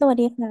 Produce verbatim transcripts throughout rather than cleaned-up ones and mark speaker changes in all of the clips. Speaker 1: สวัสดีค่ะ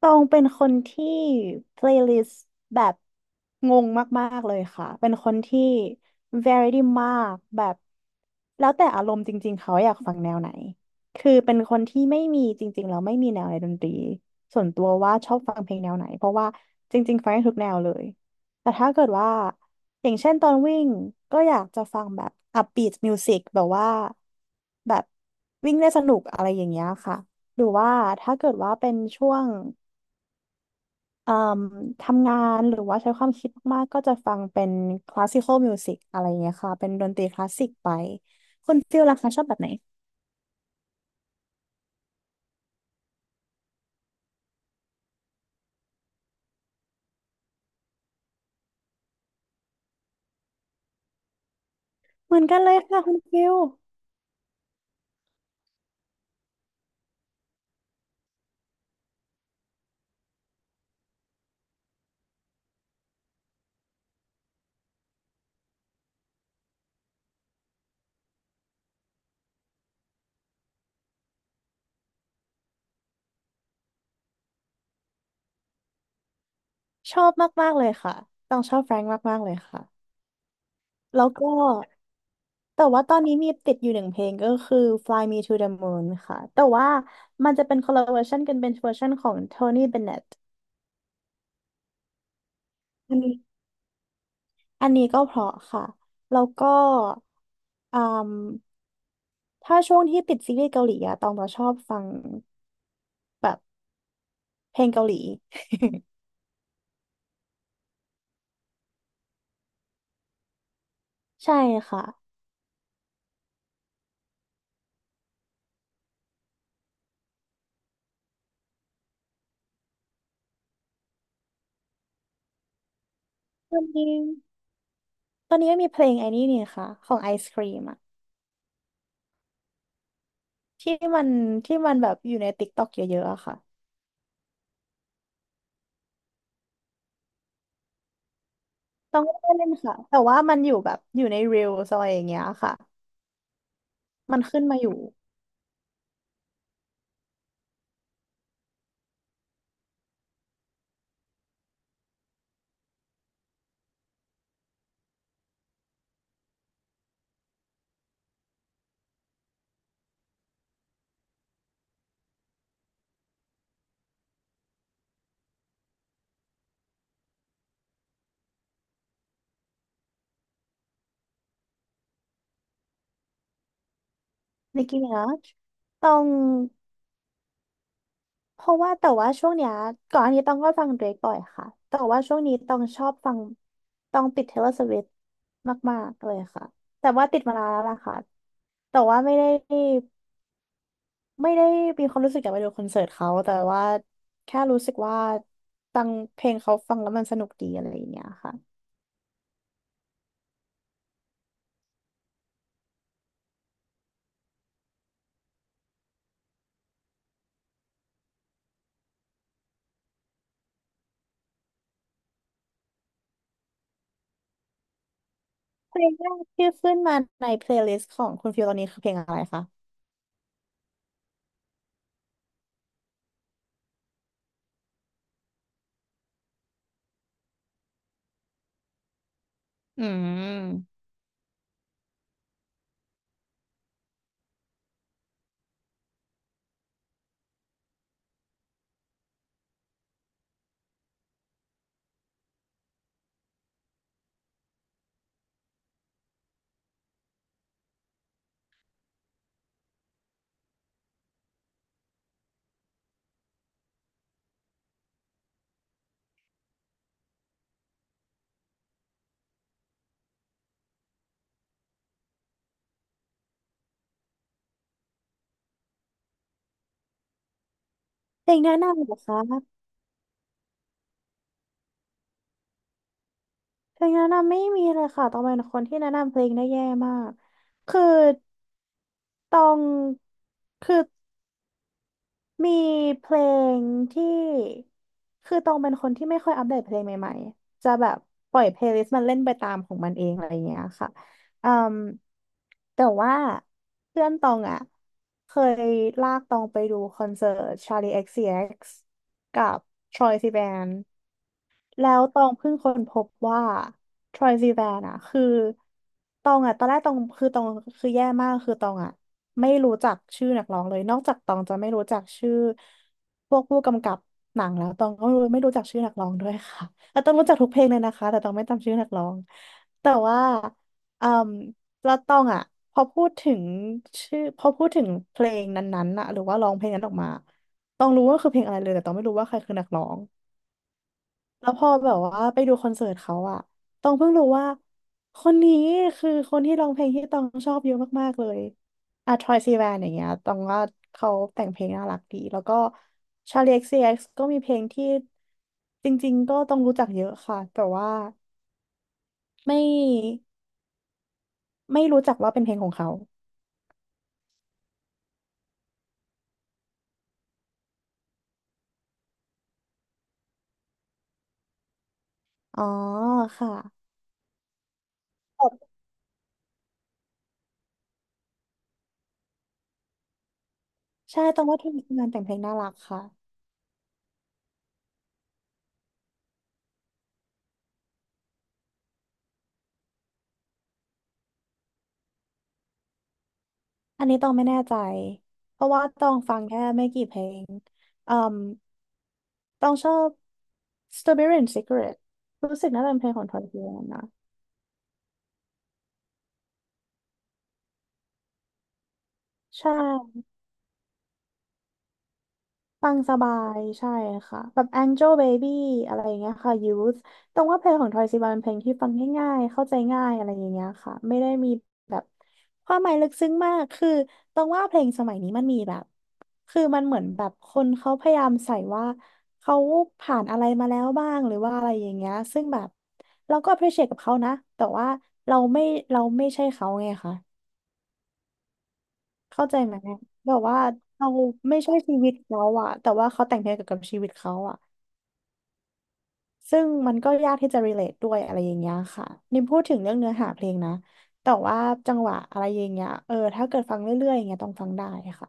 Speaker 1: ตองเป็นคนที่ playlist แบบงงมากๆเลยค่ะ เป็นคนที่ variety มากแบบแล้วแต่อารมณ์จริงๆเขาอยากฟังแนวไหน คือเป็นคนที่ไม่มีจริงๆแล้วไม่มีแนวในดนตรีส่วนตัวว่าชอบฟังเพลงแนวไหนเพราะว่าจริงๆฟังได้ทุกแนวเลย แต่ถ้าเกิดว่าอย่างเช่นตอนวิ่งก็อยากจะฟังแบบ upbeat music แบบว่าแบบวิ่งได้สนุกอะไรอย่างเงี้ยค่ะหรือว่าถ้าเกิดว่าเป็นช่วง เอ่มทำงานหรือว่าใช้ความคิดมากๆก็จะฟังเป็นคลาสสิคอลมิวสิกอะไรเงี้ยค่ะเป็นดนตรีคลาสสิกไปคุณฟิลล่ะคะชอบแบบไหนเหมือนกันเลยค่ะคุณฟิลชอบมากๆเลยค่ะต้องชอบแฟรงค์มากๆเลยค่ะแล้วก็แต่ว่าตอนนี้มีติดอยู่หนึ่งเพลงก็คือ Fly Me to the Moon ค่ะแต่ว่ามันจะเป็นคนละเวอร์ชันกันเป็นเวอร์ชันของ Tony Bennett อันนี้อันนี้ก็เพราะค่ะแล้วก็อืม ถ้าช่วงที่ติดซีรีส์เกาหลีอะตองจะชอบฟังแบบเพลงเกาหลี ใช่ค่ะ ตอนนี้ตอนนี้ก็มีเพลงไอ้นี่นี่ค่ะของไอศครีมอะที่มันที่มันแบบอยู่ใน t ิ k กต k อกเยอะๆอะค่ะ ต้องไม่ได้เล่นค่ะ แต่ว่ามันอยู่แบบอยู่ใน Reels อะไรอย่างเงี้ยค่ะมันขึ้นมาอยู่ Nicki Minaj ต้อง เพราะว่าแต่ว่าช่วงเนี้ยก่อนอันนี้ต้องก็ฟังเดรกบ่อยค่ะแต่ว่าช่วงนี้ต้องชอบฟังต้องติด Taylor Swift มากๆเลยค่ะแต่ว่าติดมานานแล้วล่ะค่ะแต่ว่าไม่ได้ไม่ได้มีความรู้สึกอยากไปดูคอนเสิร์ตเขาแต่ว่าแค่รู้สึกว่าฟังเพลงเขาฟังแล้วมันสนุกดีอะไรอย่างเงี้ยค่ะเพลงแรกที่ขึ้นมาในเพลย์ลิสต์ของคุณฟิวตอนนี้คือเพลงอะไรคะอืมเพลงแนะนำเหรอคะ เพลงแนะนำไม่มีเลยค่ะตองเป็นคนที่แนะนำเพลงได้แย่มากคือตองคือมีเพลงที่คือตองเป็นคนที่ไม่ค่อยอัปเดตเพลงใหม่ๆจะแบบปล่อยเพลย์ลิสต์มันเล่นไปตามของมันเองอะไรอย่างเงี้ยค่ะอืมแต่ว่าเพื่อนตองอ่ะเคยลากตองไปดูคอนเสิร์ต Charlie เอ็กซ์ ซี เอ็กซ์ กซ์ซีเอ็กซ์กับ Troye Sivan แล้วตองเพิ่งค้นพบว่าทรอยซีแวนอะคือตองอะตอนแรกตองคือตองคือแย่มากคือตองอะไม่รู้จักชื่อนักร้องเลยนอกจากตองจะไม่รู้จักชื่อพวกผู้กำกับหนังแล้วตองก็ไม่รู้ไม่รู้จักชื่อนักร้องด้วยค่ะ แต่ตองรู้จักทุกเพลงเลยนะคะแต่ตองไม่จำชื่อนักร้องแต่ว่าอืมแล้วตองอะพอพูดถึงชื่อพอพูดถึงเพลงนั้นๆอะหรือว่าร้องเพลงนั้นออกมาตองรู้ว่าคือเพลงอะไรเลยแต่ตองไม่รู้ว่าใครคือนักร้อง แล้วพอแบบว่าไปดูคอนเสิร์ตเขาอะตองเพิ่งรู้ว่าคนนี้คือคนที่ร้องเพลงที่ตองชอบเยอะมากๆเลยอะทรอยซีแวนอย่างเงี้ยตองว่าเขาแต่งเพลงน่ารักดีแล้วก็ชาลี เอ็กซ์ ซี เอ็กซ์ กซ์ซีเอ็กซ์ก็มีเพลงที่จริงๆก็ต้องรู้จักเยอะค่ะแต่ว่าไม่ไม่รู้จักว่าเป็นเพลงของเขาอ๋อค่ะใช่ตองว่าทีมงานแต่งเพลงน่ารักค่ะ อันนี้ต้องไม่แน่ใจ เพราะว่าต้องฟังแค่ไม่กี่เพลงอืมต้องชอบ Strawberry and Secret รู้สึกน่าจะเป็นเพลงของทอยเทยนนะใช่ ฟังสบายใช่ค่ะแบบ Angel Baby อะไรอย่างเงี้ยค่ะ Youth ตรงว่าเพลงของทอยซิบเป็นเพลงที่ฟังง่ายๆเข้าใจง่ายอะไรอย่างเงี้ยค่ะไม่ได้มีแบบความหมายลึกซึ้งมากคือตรงว่าเพลงสมัยนี้มันมีแบบคือมันเหมือนแบบคนเขาพยายามใส่ว่าเขาผ่านอะไรมาแล้วบ้างหรือว่าอะไรอย่างเงี้ยซึ่งแบบเราก็ appreciate กับเขานะแต่ว่าเราไม่เราไม่ใช่เขาไง เข้าใจไหมแบบว่าเราไม่ใช่ชีวิตเขาอะแต่ว่าเขาแต่งเพลงเกี่ยวกับชีวิตเขาอะซึ่งมันก็ยากที่จะ relate ด้วยอะไรอย่างเงี้ยค่ะนี่พูดถึงเรื่องเนื้อหาเพลงนะแต่ว่าจังหวะอะไรอย่างเงี้ยเออถ้าเกิดฟังเรื่อยๆอย่างเงี้ยต้องฟังได้ค่ะ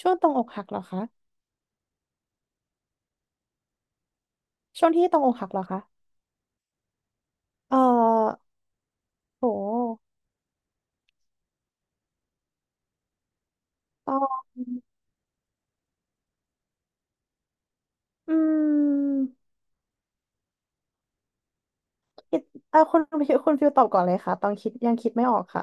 Speaker 1: ช่วงตรงอกหักเหรอคะช่วงที่ตรงอกหักเหรอคะเออโหตอนอืมคิดเออคุณ คุณฟิลตอบก่อนเลยค่ะตอนคิดยังคิดไม่ออกค่ะ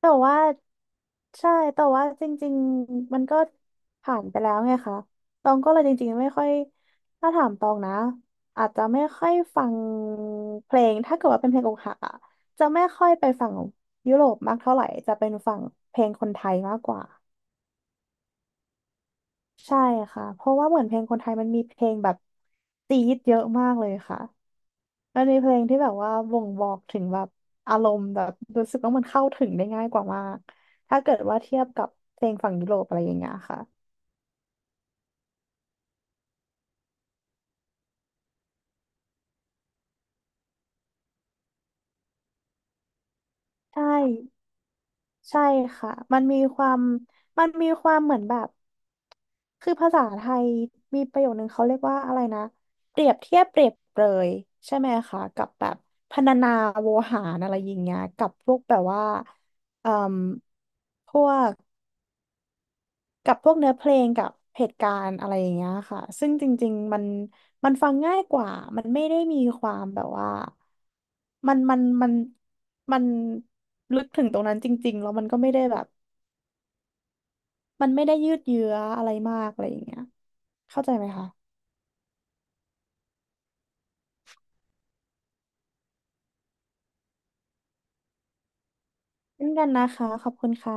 Speaker 1: แต่ว่าใช่แต่ว่าจริงๆมันก็ผ่านไปแล้วไงคะตองก็เลยจริงๆไม่ค่อยถ้าถามตองนะอาจจะไม่ค่อยฟังเพลงถ้าเกิดว่าเป็นเพลงอกหักอะจะไม่ค่อยไปฝั่งยุโรปมากเท่าไหร่จะเป็นฝั่งเพลงคนไทยมากกว่าใช่ค่ะเพราะว่าเหมือนเพลงคนไทยมันมีเพลงแบบจี๊ดเยอะมากเลยค่ะ มันมีเพลงที่แบบว่าบ่งบอกถึงแบบอารมณ์แบบรู้สึกว่ามันเข้าถึงได้ง่ายกว่ามากถ้าเกิดว่าเทียบกับเพลงฝั่งยุโรปอะไรอย่างเงี้ยค่ะใช่ใช่ค่ะมันมีความมันมีความเหมือนแบบคือภาษาไทยมีประโยคนึงเขาเรียกว่าอะไรนะเปรียบเทียบเปรียบเปรยใช่ไหมคะกับแบบพรรณนาโวหารอะไรอย่างเงี้ยกับพวกแบบว่าเอ่มพวก กับพวกเนื้อเพลงกับเหตุการณ์อะไรอย่างเงี้ยค่ะซึ่งจริงๆมันมันฟังง่ายกว่ามันไม่ได้มีความแบบว่ามันมันมันมันลึกถึงตรงนั้นจริงๆแล้วมันก็ไม่ได้แบบมันไม่ได้ยืดเยื้ออะไรมากอะไรอย่างเงี้ยเข้าใจไหมคะเช่นกันนะคะขอบคุณค่ะ